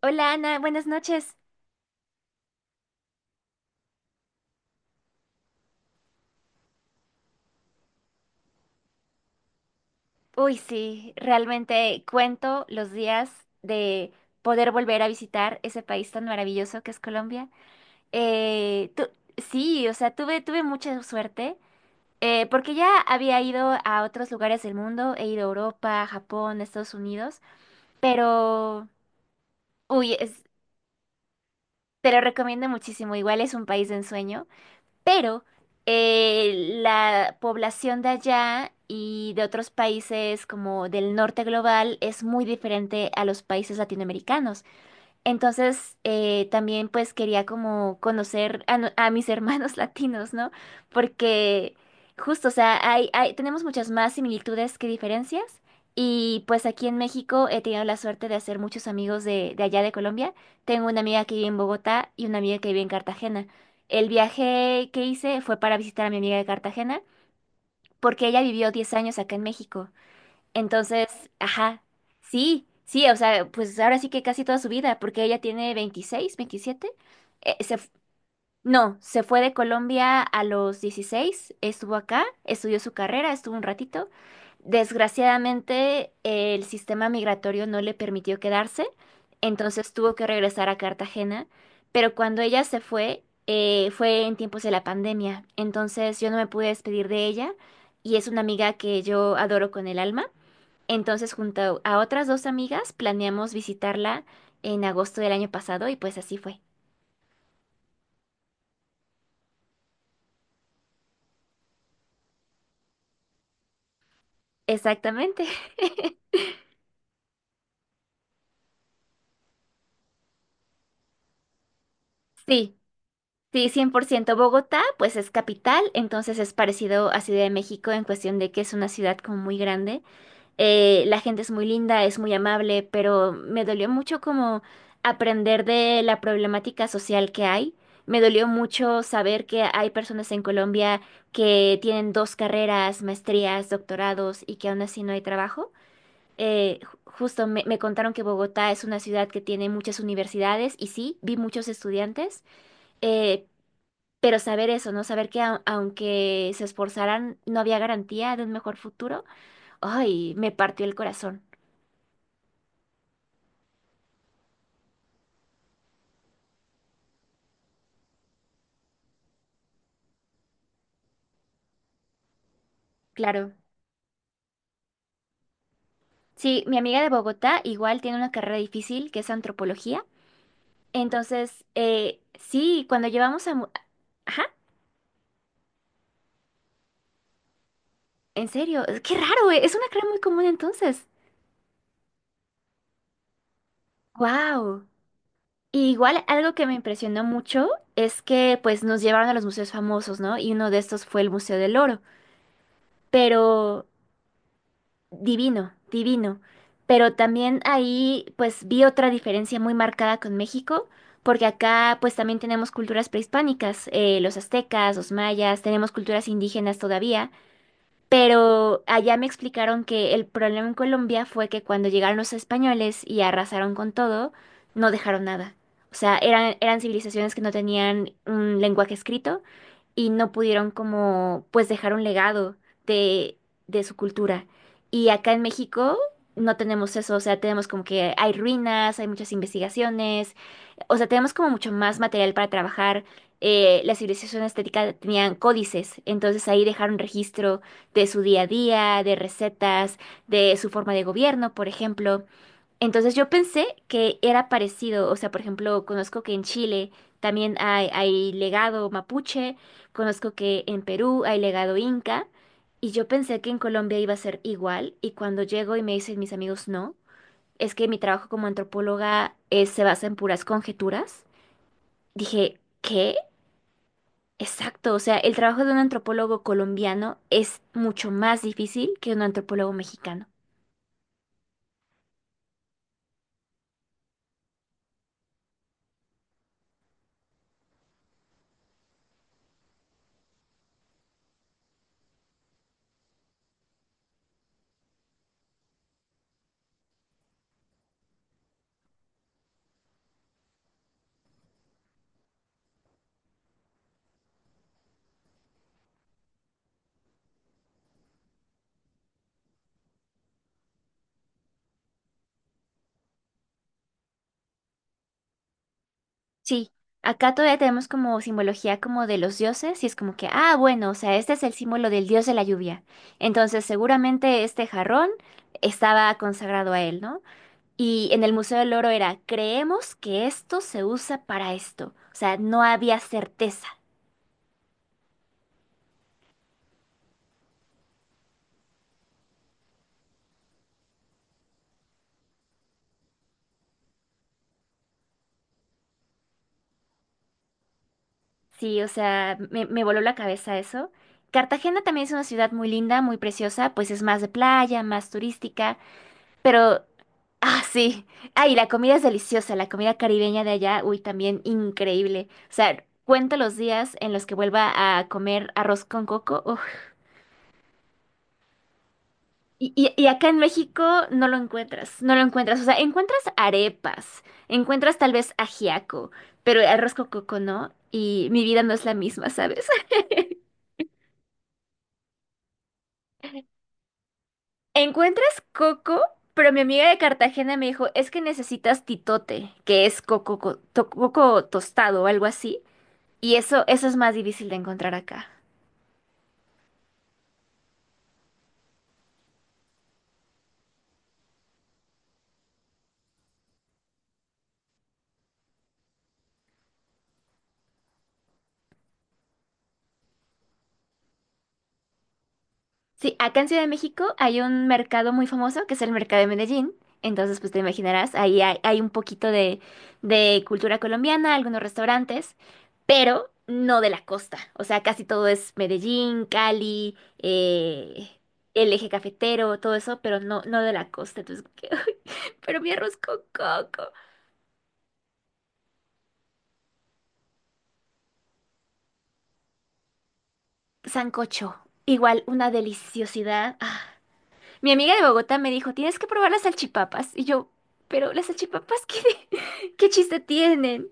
Hola Ana, buenas noches. Uy, sí, realmente cuento los días de poder volver a visitar ese país tan maravilloso que es Colombia. Eh, tu- sí, o sea, tuve, mucha suerte porque ya había ido a otros lugares del mundo, he ido a Europa, Japón, Estados Unidos, pero, uy, es- te lo recomiendo muchísimo, igual es un país de ensueño. Pero eh, la población de allá y de otros países como del norte global es muy diferente a los países latinoamericanos. Entonces, también pues quería como conocer a, no- a mis hermanos latinos, ¿no? Porque justo, o sea, tenemos muchas más similitudes que diferencias. Y pues aquí en México he tenido la suerte de hacer muchos amigos de allá de Colombia. Tengo una amiga que vive en Bogotá y una amiga que vive en Cartagena. El viaje que hice fue para visitar a mi amiga de Cartagena porque ella vivió 10 años acá en México. Entonces, ajá, sí, sí, o sea, pues ahora sí que casi toda su vida, porque ella tiene 26, 27, eh, se, f- no, se fue de Colombia a los 16, estuvo acá, estudió su carrera, estuvo un ratito. Desgraciadamente, el sistema migratorio no le permitió quedarse, entonces tuvo que regresar a Cartagena, pero cuando ella se fue, fue en tiempos de la pandemia, entonces yo no me pude despedir de ella y es una amiga que yo adoro con el alma. Entonces, junto a otras dos amigas, planeamos visitarla en agosto del año pasado y pues así fue. Exactamente. Sí, sí, 100% Bogotá, pues es capital, entonces es parecido a Ciudad de México en cuestión de que es una ciudad como muy grande. La gente es muy linda, es muy amable, pero me dolió mucho como aprender de la problemática social que hay. Me dolió mucho saber que hay personas en Colombia que tienen dos carreras, maestrías, doctorados y que aún así no hay trabajo. Justo me contaron que Bogotá es una ciudad que tiene muchas universidades y sí, vi muchos estudiantes, eh, pero saber eso, ¿no? Saber que aunque se esforzaran, no había garantía de un mejor futuro, ay, me partió el corazón. Claro. Sí, mi amiga de Bogotá igual tiene una carrera difícil que es antropología. Entonces, sí, cuando llevamos a... mu- ajá, en serio, qué raro, es una carrera muy común entonces. ¡Wow! Y igual algo que me impresionó mucho es que pues nos llevaron a los museos famosos, ¿no? Y uno de estos fue el Museo del Oro, pero divino, divino. Pero también ahí pues vi otra diferencia muy marcada con México, porque acá pues también tenemos culturas prehispánicas, los aztecas, los mayas, tenemos culturas indígenas todavía, pero allá me explicaron que el problema en Colombia fue que cuando llegaron los españoles y arrasaron con todo, no dejaron nada. O sea, eran civilizaciones que no tenían un lenguaje escrito y no pudieron como pues dejar un legado de, de su cultura. Y acá en México no tenemos eso, o sea, tenemos como que hay ruinas, hay muchas investigaciones, o sea, tenemos como mucho más material para trabajar. La civilización azteca tenían códices, entonces ahí dejaron registro de su día a día, de recetas, de su forma de gobierno, por ejemplo. Entonces yo pensé que era parecido, o sea, por ejemplo, conozco que en Chile también hay, legado mapuche, conozco que en Perú hay legado inca, y yo pensé que en Colombia iba a ser igual, y cuando llego y me dicen mis amigos no, es que mi trabajo como antropóloga se basa en puras conjeturas. Dije, ¿qué? Exacto, o sea, el trabajo de un antropólogo colombiano es mucho más difícil que un antropólogo mexicano. Sí, acá todavía tenemos como simbología como de los dioses y es como que, ah, bueno, o sea, este es el símbolo del dios de la lluvia. Entonces, seguramente este jarrón estaba consagrado a él, ¿no? Y en el Museo del Oro era, creemos que esto se usa para esto. O sea, no había certeza. Sí, o sea, me voló la cabeza eso. Cartagena también es una ciudad muy linda, muy preciosa, pues es más de playa, más turística, pero... Ah, sí. Ay, la comida es deliciosa, la comida caribeña de allá, uy, también increíble. O sea, cuento los días en los que vuelva a comer arroz con coco. Uf. Y acá en México no lo encuentras, O sea, encuentras arepas, encuentras tal vez ajiaco, pero arroz con coco no. Y mi vida no es la misma, ¿sabes? Encuentras coco, pero mi amiga de Cartagena me dijo, es que necesitas titote, que es coco tostado o algo así, y eso, es más difícil de encontrar acá. Sí, acá en Ciudad de México hay un mercado muy famoso que es el mercado de Medellín. Entonces, pues te imaginarás, ahí hay un poquito de cultura colombiana, algunos restaurantes, pero no de la costa. O sea, casi todo es Medellín, Cali, el eje cafetero, todo eso, pero no, de la costa. Entonces, ay, pero mi arroz con coco. Sancocho, igual una deliciosidad. Mi amiga de Bogotá me dijo, tienes que probar las salchipapas. Y yo, pero las salchipapas, ¿qué, qué chiste tienen?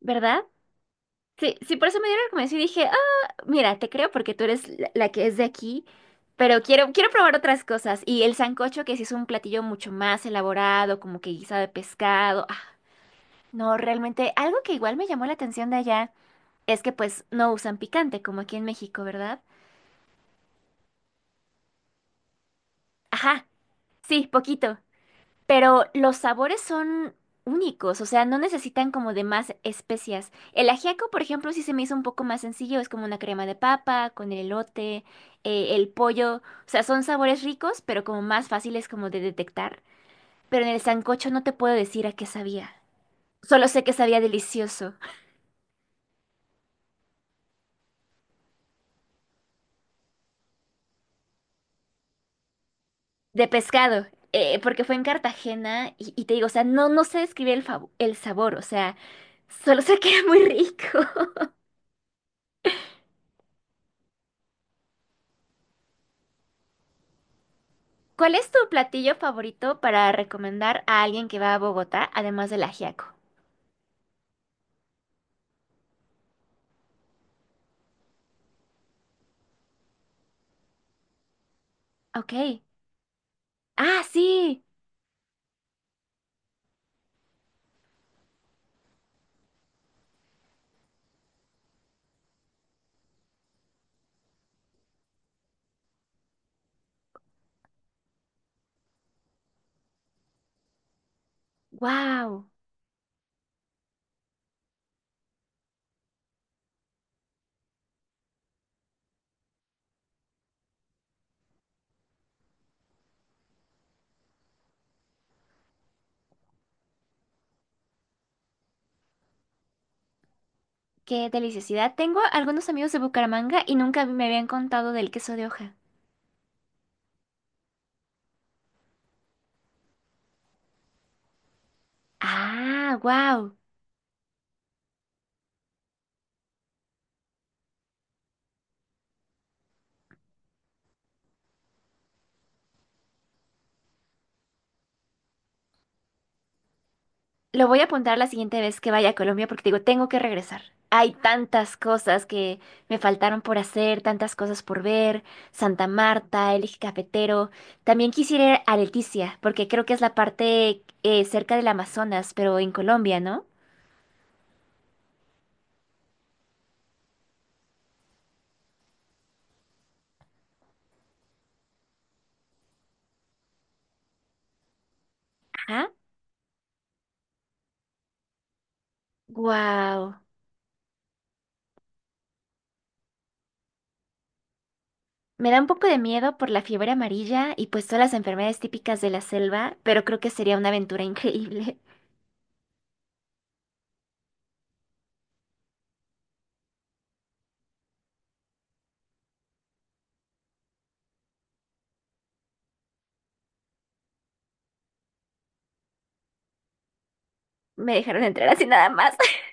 ¿Verdad? Sí, sí, por eso me dio la recomendación y dije, ah, mira, te creo porque tú eres la, que es de aquí, pero quiero, probar otras cosas. Y el sancocho, que sí es un platillo mucho más elaborado, como que guisado de pescado. Ah, no, realmente algo que igual me llamó la atención de allá es que pues no usan picante, como aquí en México, ¿verdad? Ajá, sí, poquito. Pero los sabores son únicos, o sea, no necesitan como de más especias. El ajiaco, por ejemplo, sí se me hizo un poco más sencillo, es como una crema de papa con el elote, el pollo, o sea, son sabores ricos, pero como más fáciles como de detectar. Pero en el sancocho no te puedo decir a qué sabía. Solo sé que sabía delicioso. De pescado, porque fue en Cartagena y te digo, o sea, no, no sé describir el sabor, o sea, solo sé que era muy rico. ¿Cuál es tu platillo favorito para recomendar a alguien que va a Bogotá, además del ajiaco? Ok. Ah, sí. Wow. Qué deliciosidad. Tengo algunos amigos de Bucaramanga y nunca me habían contado del queso de hoja. Ah, wow. Lo voy a apuntar la siguiente vez que vaya a Colombia porque te digo, tengo que regresar. Hay tantas cosas que me faltaron por hacer, tantas cosas por ver. Santa Marta, el eje cafetero. También quisiera ir a Leticia porque creo que es la parte cerca del Amazonas, pero en Colombia, ¿no? Ajá. Wow. Me da un poco de miedo por la fiebre amarilla y pues todas las enfermedades típicas de la selva, pero creo que sería una aventura increíble. Me dejaron entrar así nada más.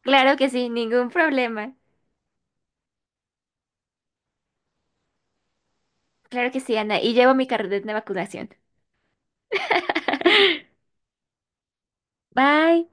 Claro que sí, ningún problema. Claro que sí, Ana. Y llevo mi carnet de vacunación. Bye.